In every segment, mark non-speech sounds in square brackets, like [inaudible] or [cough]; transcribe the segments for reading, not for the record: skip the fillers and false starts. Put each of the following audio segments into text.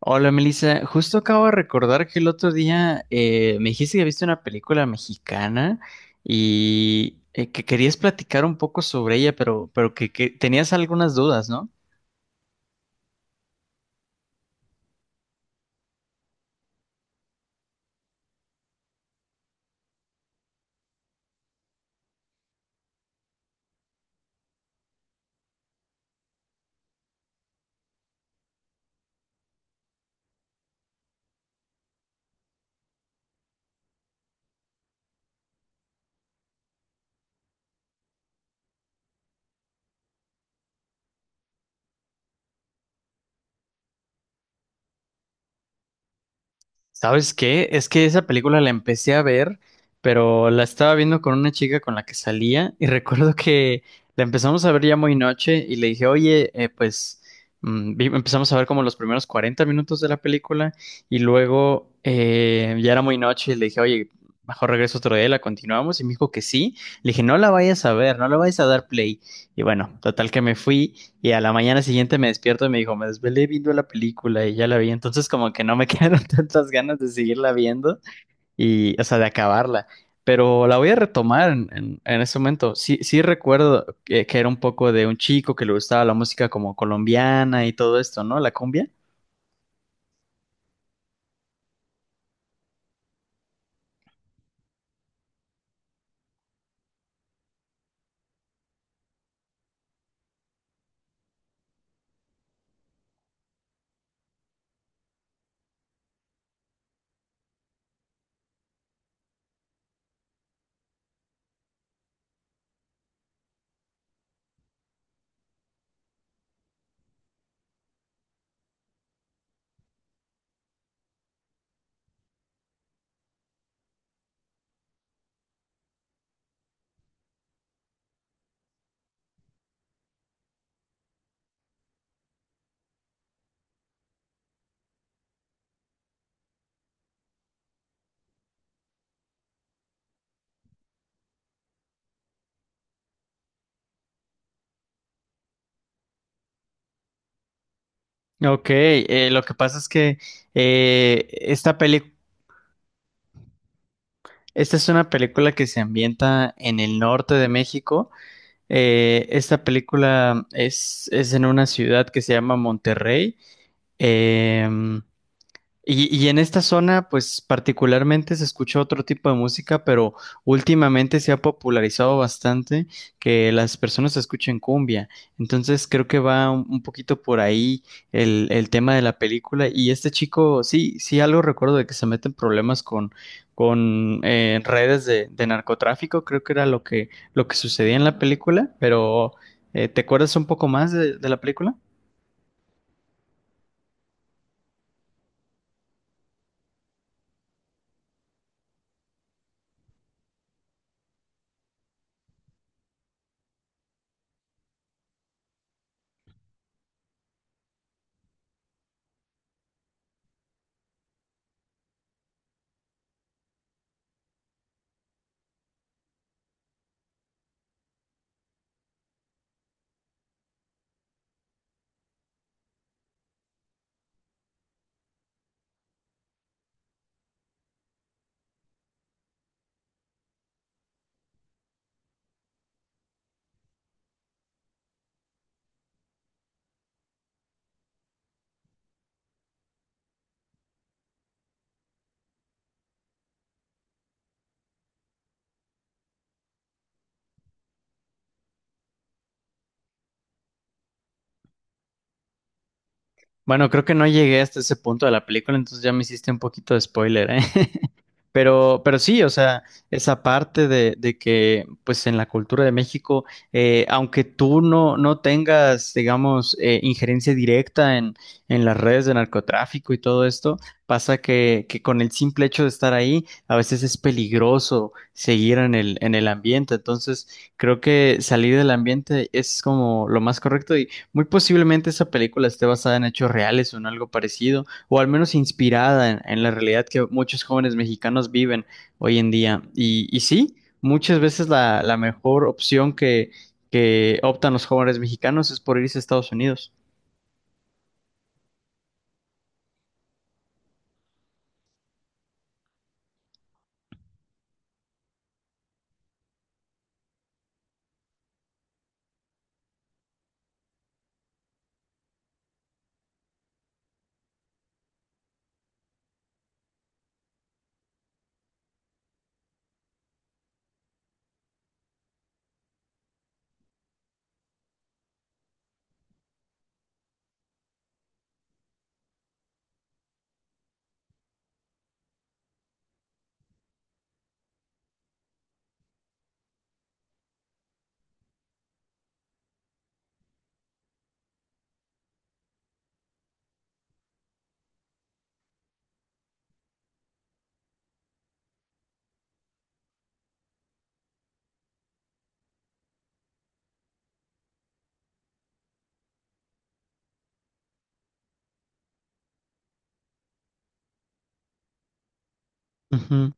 Hola Melissa, justo acabo de recordar que el otro día me dijiste que viste una película mexicana y que querías platicar un poco sobre ella, pero que tenías algunas dudas, ¿no? ¿Sabes qué? Es que esa película la empecé a ver, pero la estaba viendo con una chica con la que salía y [laughs] recuerdo que la empezamos a ver ya muy noche y le dije, oye, pues empezamos a ver como los primeros 40 minutos de la película y luego ya era muy noche y le dije, oye, mejor regreso otro día, la continuamos y me dijo que sí. Le dije, no la vayas a ver, no la vayas a dar play. Y bueno, total que me fui y a la mañana siguiente me despierto y me dijo, me desvelé viendo la película y ya la vi. Entonces como que no me quedaron [laughs] tantas ganas de seguirla viendo y, o sea, de acabarla. Pero la voy a retomar en ese momento. Sí, sí recuerdo que era un poco de un chico que le gustaba la música como colombiana y todo esto, ¿no? La cumbia. Ok, lo que pasa es que eh, esta peli- esta es una película que se ambienta en el norte de México. Esta película es en una ciudad que se llama Monterrey. Em, y, y en esta zona, pues particularmente se escucha otro tipo de música, pero últimamente se ha popularizado bastante que las personas escuchen cumbia. Entonces creo que va un poquito por ahí el tema de la película. Y este chico, sí, sí algo recuerdo de que se mete en problemas con redes de narcotráfico, creo que era lo lo que sucedía en la película, pero ¿te acuerdas un poco más de la película? Bueno, creo que no llegué hasta ese punto de la película, entonces ya me hiciste un poquito de spoiler, ¿eh? [laughs] Pero sí, o sea, esa parte de que, pues en la cultura de México, aunque tú no, no tengas, digamos, injerencia directa en las redes de narcotráfico y todo esto, pasa que con el simple hecho de estar ahí, a veces es peligroso seguir en en el ambiente. Entonces, creo que salir del ambiente es como lo más correcto. Muy posiblemente esa película esté basada en hechos reales o en algo parecido, o al menos inspirada en la realidad que muchos jóvenes mexicanos viven hoy en día. Y sí, muchas veces la mejor opción que optan los jóvenes mexicanos es por irse a Estados Unidos. Ujú.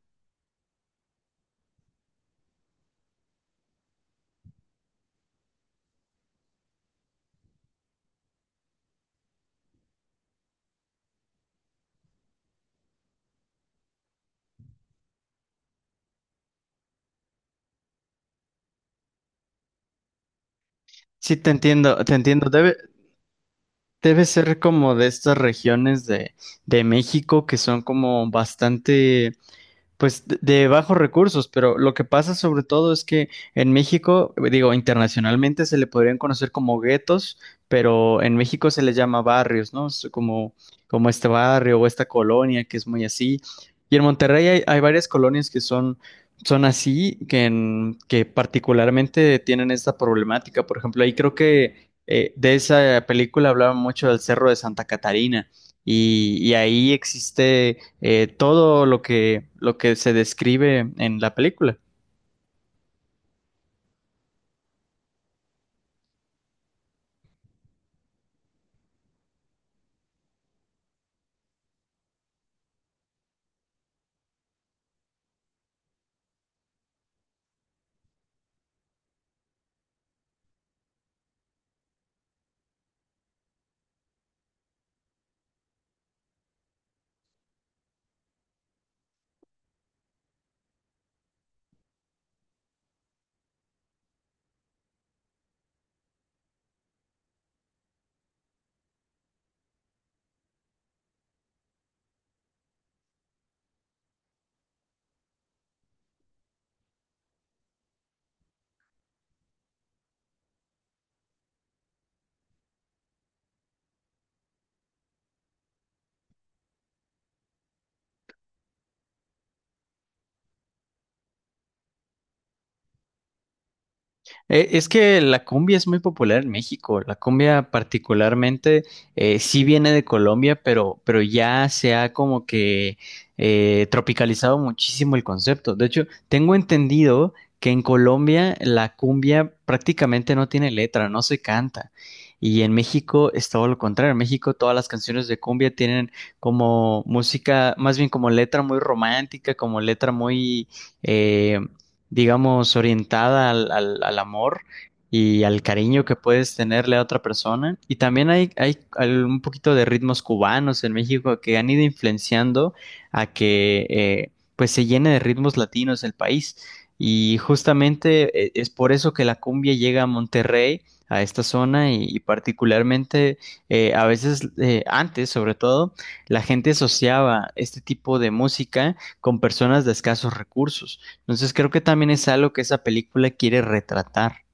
Sí, te entiendo, te entiendo. Debe, debe ser como de estas regiones de México que son como bastante. Pues de bajos recursos, pero lo que pasa sobre todo es que en México, digo, internacionalmente se le podrían conocer como guetos, pero en México se les llama barrios, ¿no? Es como, como este barrio o esta colonia que es muy así. Y en Monterrey hay, hay varias colonias que son, son así, que particularmente tienen esta problemática. Por ejemplo, ahí creo que de esa película hablaban mucho del Cerro de Santa Catarina y ahí existe todo lo lo que se describe en la película. Es que la cumbia es muy popular en México. La cumbia particularmente sí viene de Colombia, pero ya se ha como que tropicalizado muchísimo el concepto. De hecho, tengo entendido que en Colombia la cumbia prácticamente no tiene letra, no se canta. Y en México es todo lo contrario. En México todas las canciones de cumbia tienen como música, más bien como letra muy romántica, como letra muy, eh, digamos, orientada al amor y al cariño que puedes tenerle a otra persona. Y también hay un poquito de ritmos cubanos en México que han ido influenciando a que pues se llene de ritmos latinos el país. Y justamente es por eso que la cumbia llega a Monterrey, a esta zona, y particularmente antes sobre todo, la gente asociaba este tipo de música con personas de escasos recursos. Entonces creo que también es algo que esa película quiere retratar.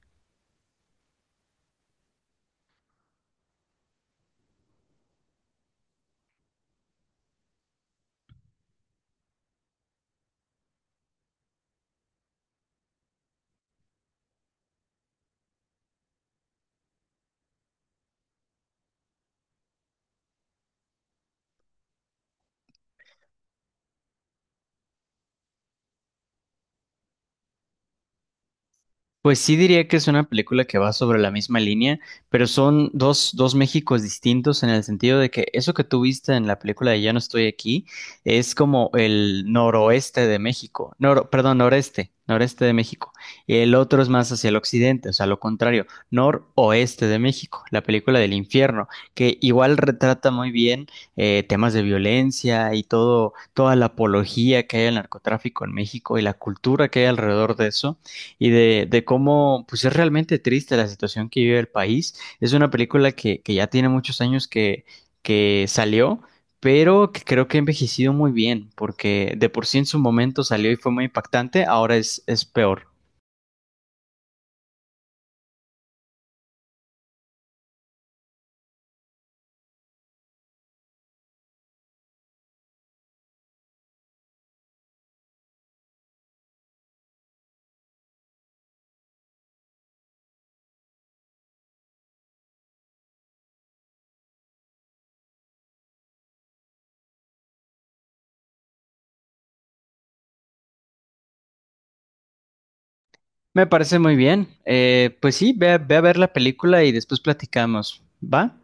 Pues sí diría que es una película que va sobre la misma línea, pero son dos, dos Méxicos distintos en el sentido de que eso que tú viste en la película de Ya no estoy aquí es como el noroeste de México, perdón, noreste, noreste de México. Y el otro es más hacia el occidente, o sea, lo contrario, noroeste de México, la película del Infierno, que igual retrata muy bien temas de violencia y todo, toda la apología que hay al narcotráfico en México y la cultura que hay alrededor de eso y de cómo pues es realmente triste la situación que vive el país. Es una película que ya tiene muchos años que salió, pero que creo que ha envejecido muy bien, porque de por sí en su momento salió y fue muy impactante, ahora es peor. Me parece muy bien. Pues sí, ve a ver la película y después platicamos. ¿Va?